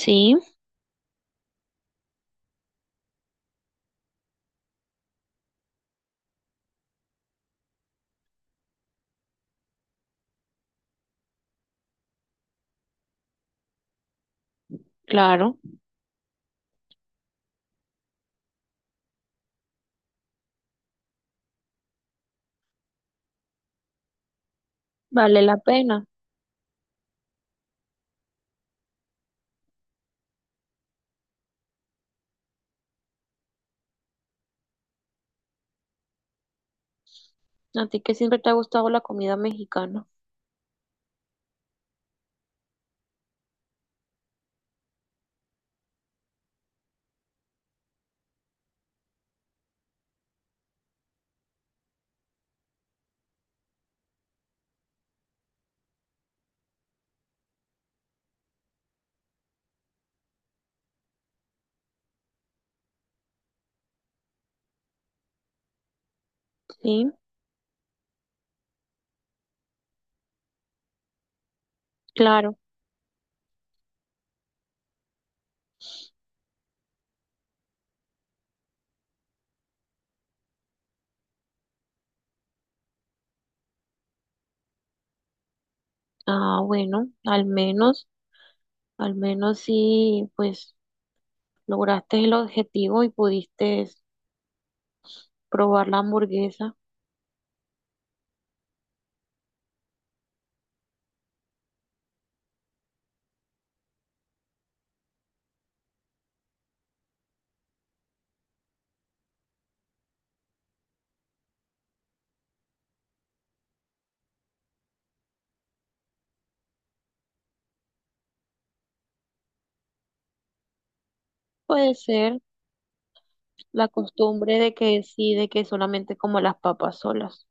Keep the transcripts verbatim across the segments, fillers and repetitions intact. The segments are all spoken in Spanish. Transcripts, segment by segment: Sí, claro, vale la pena. A ti que siempre te ha gustado la comida mexicana. Sí, claro. Ah, bueno, al menos, al menos sí, pues lograste el objetivo y pudiste probar la hamburguesa. Puede ser la costumbre de que sí, de que solamente como las papas solas.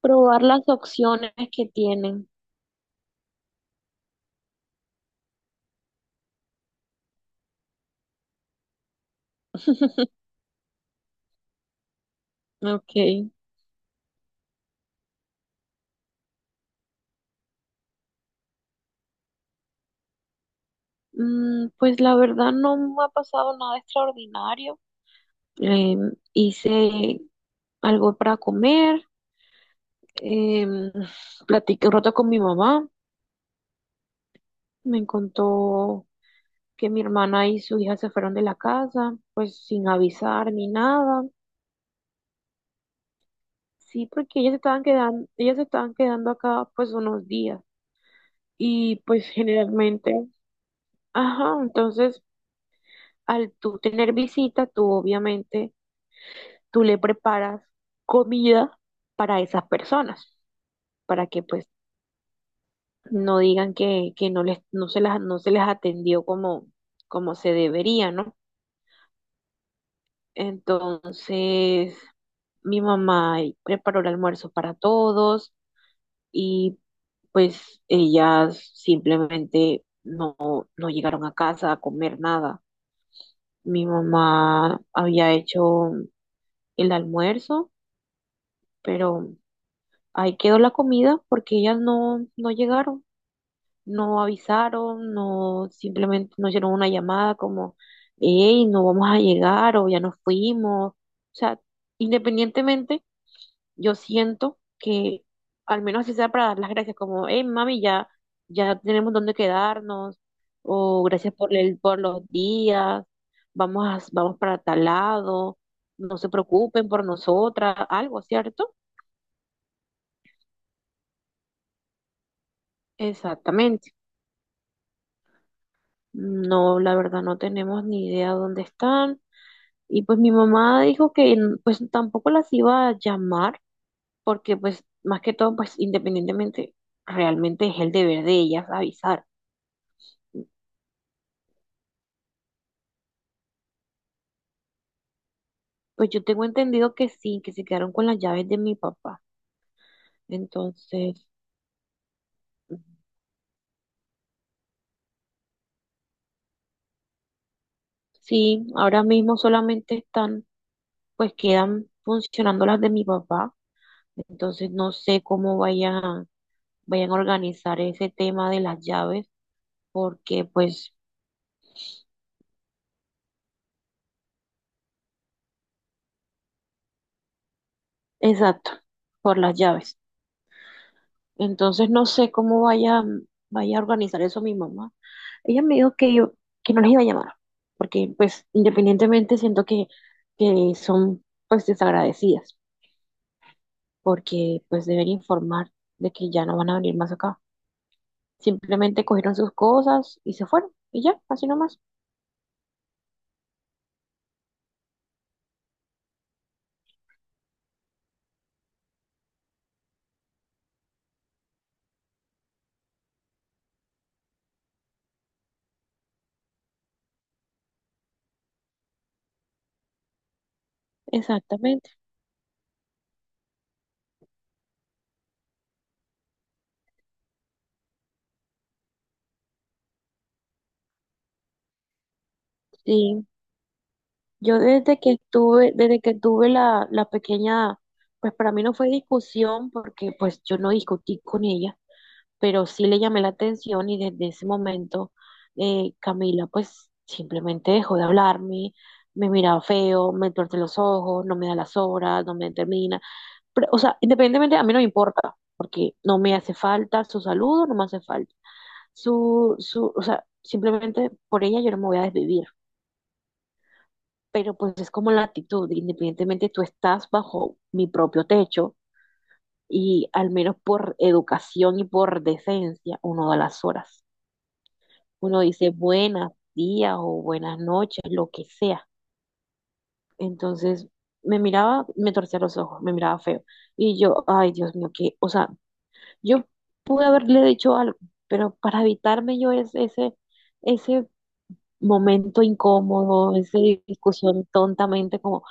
Probar las opciones que tienen. Ok. Mm, pues la verdad no me ha pasado nada extraordinario. Em, hice algo para comer, em, platiqué un rato con mi mamá, me contó que mi hermana y su hija se fueron de la casa, pues sin avisar ni nada. Sí, porque ellas estaban quedando, ellas se estaban quedando acá pues unos días. Y pues generalmente, ajá, entonces al tú tener visita, tú obviamente, tú le preparas comida para esas personas, para que pues no digan que, que no les, no se las, no se les atendió como, como se debería, ¿no? Entonces, mi mamá preparó el almuerzo para todos y pues ellas simplemente no, no llegaron a casa a comer nada. Mi mamá había hecho el almuerzo, pero ahí quedó la comida porque ellas no, no llegaron. No avisaron, no simplemente no hicieron una llamada como, hey, no vamos a llegar o ya nos fuimos. O sea, independientemente, yo siento que al menos así sea para dar las gracias, como, hey, mami, ya, ya tenemos dónde quedarnos, o gracias por el, por los días, vamos a- vamos para tal lado, no se preocupen por nosotras, algo, ¿cierto? Exactamente. No, la verdad no tenemos ni idea dónde están. Y pues mi mamá dijo que n- pues tampoco las iba a llamar porque pues más que todo pues independientemente realmente es el deber de ellas avisar. Pues yo tengo entendido que sí, que se quedaron con las llaves de mi papá. Entonces, sí, ahora mismo solamente están pues quedan funcionando las de mi papá. Entonces no sé cómo vayan vayan a organizar ese tema de las llaves porque pues exacto, por las llaves. Entonces no sé cómo vaya, vaya a organizar eso mi mamá. Ella me dijo que yo, que no les iba a llamar, porque pues independientemente siento que, que son pues desagradecidas, porque pues deben informar de que ya no van a venir más acá. Simplemente cogieron sus cosas y se fueron, y ya, así nomás. Exactamente. Sí. Yo desde que estuve, desde que tuve la, la pequeña, pues para mí no fue discusión, porque pues yo no discutí con ella pero sí le llamé la atención y desde ese momento eh, Camila pues simplemente dejó de hablarme, me miraba feo, me tuerce los ojos, no me da las horas, no me determina. Pero, o sea, independientemente a mí no me importa, porque no me hace falta su saludo, no me hace falta. Su, su, o sea, simplemente por ella yo no me voy a desvivir. Pero pues es como la actitud, independientemente tú estás bajo mi propio techo y al menos por educación y por decencia uno da las horas. Uno dice buenas días o buenas noches, lo que sea. Entonces me miraba, me torcía los ojos, me miraba feo. Y yo, ay, Dios mío, que, o sea, yo pude haberle dicho algo, pero para evitarme yo ese, ese, ese momento incómodo, esa discusión tontamente, como,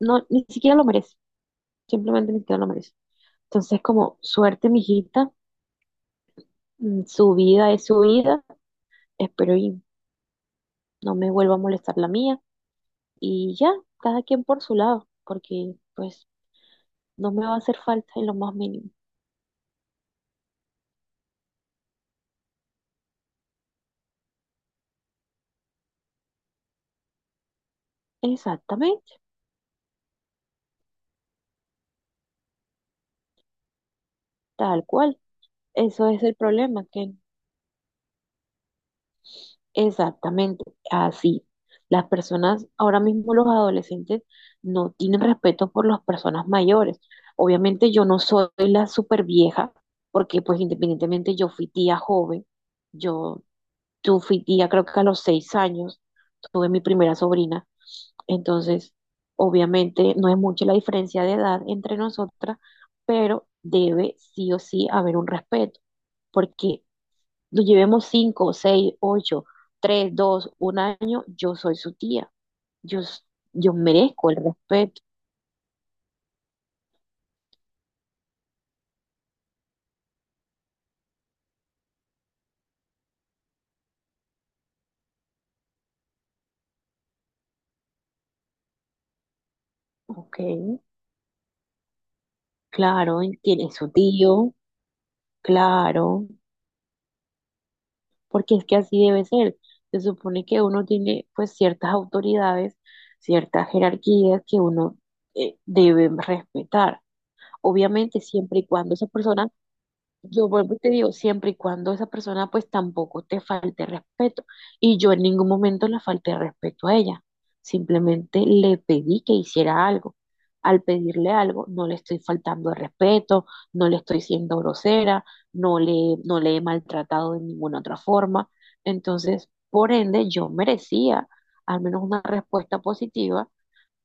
no, ni siquiera lo merece, simplemente ni siquiera lo merece. Entonces, como, suerte, mijita, mm, su vida es su vida, espero y no me vuelva a molestar la mía. Y ya, cada quien por su lado, porque pues no me va a hacer falta en lo más mínimo. Exactamente, tal cual. Eso es el problema, que exactamente así. Las personas, ahora mismo los adolescentes, no tienen respeto por las personas mayores. Obviamente yo no soy la super vieja, porque pues independientemente yo fui tía joven, yo Yo fui tía, creo que a los seis años tuve mi primera sobrina. Entonces, obviamente no es mucha la diferencia de edad entre nosotras, pero debe sí o sí haber un respeto, porque nos llevemos cinco, seis, ocho, tres, dos, un año, yo soy su tía. Yo, s- yo merezco el respeto. Ok, claro, y tiene su tío, claro. Porque es que así debe ser. Se supone que uno tiene pues ciertas autoridades, ciertas jerarquías que uno eh, debe respetar. Obviamente, siempre y cuando esa persona yo vuelvo y te digo, siempre y cuando esa persona pues tampoco te falte respeto. Y yo en ningún momento le falté respeto a ella. Simplemente le pedí que hiciera algo. Al pedirle algo, no le estoy faltando el respeto, no le estoy siendo grosera, no le, no le he maltratado de ninguna otra forma. Entonces, por ende, yo merecía al menos una respuesta positiva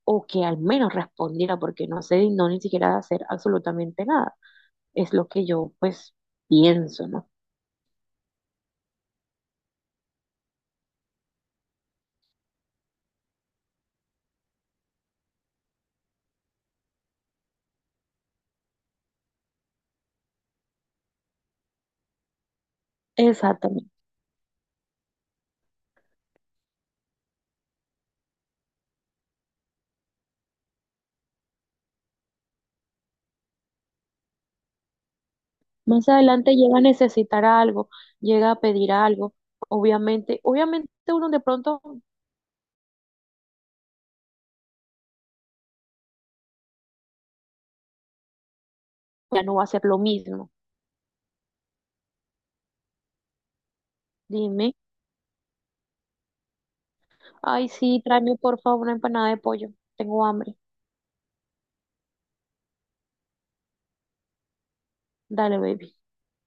o que al menos respondiera porque no se dignó ni siquiera de hacer absolutamente nada es lo que yo pues pienso, ¿no? Exactamente. Más adelante llega a necesitar algo, llega a pedir algo. Obviamente, obviamente uno de pronto ya no va a hacer lo mismo. Dime, ay, sí, tráeme por favor una empanada de pollo. Tengo hambre. Dale, baby.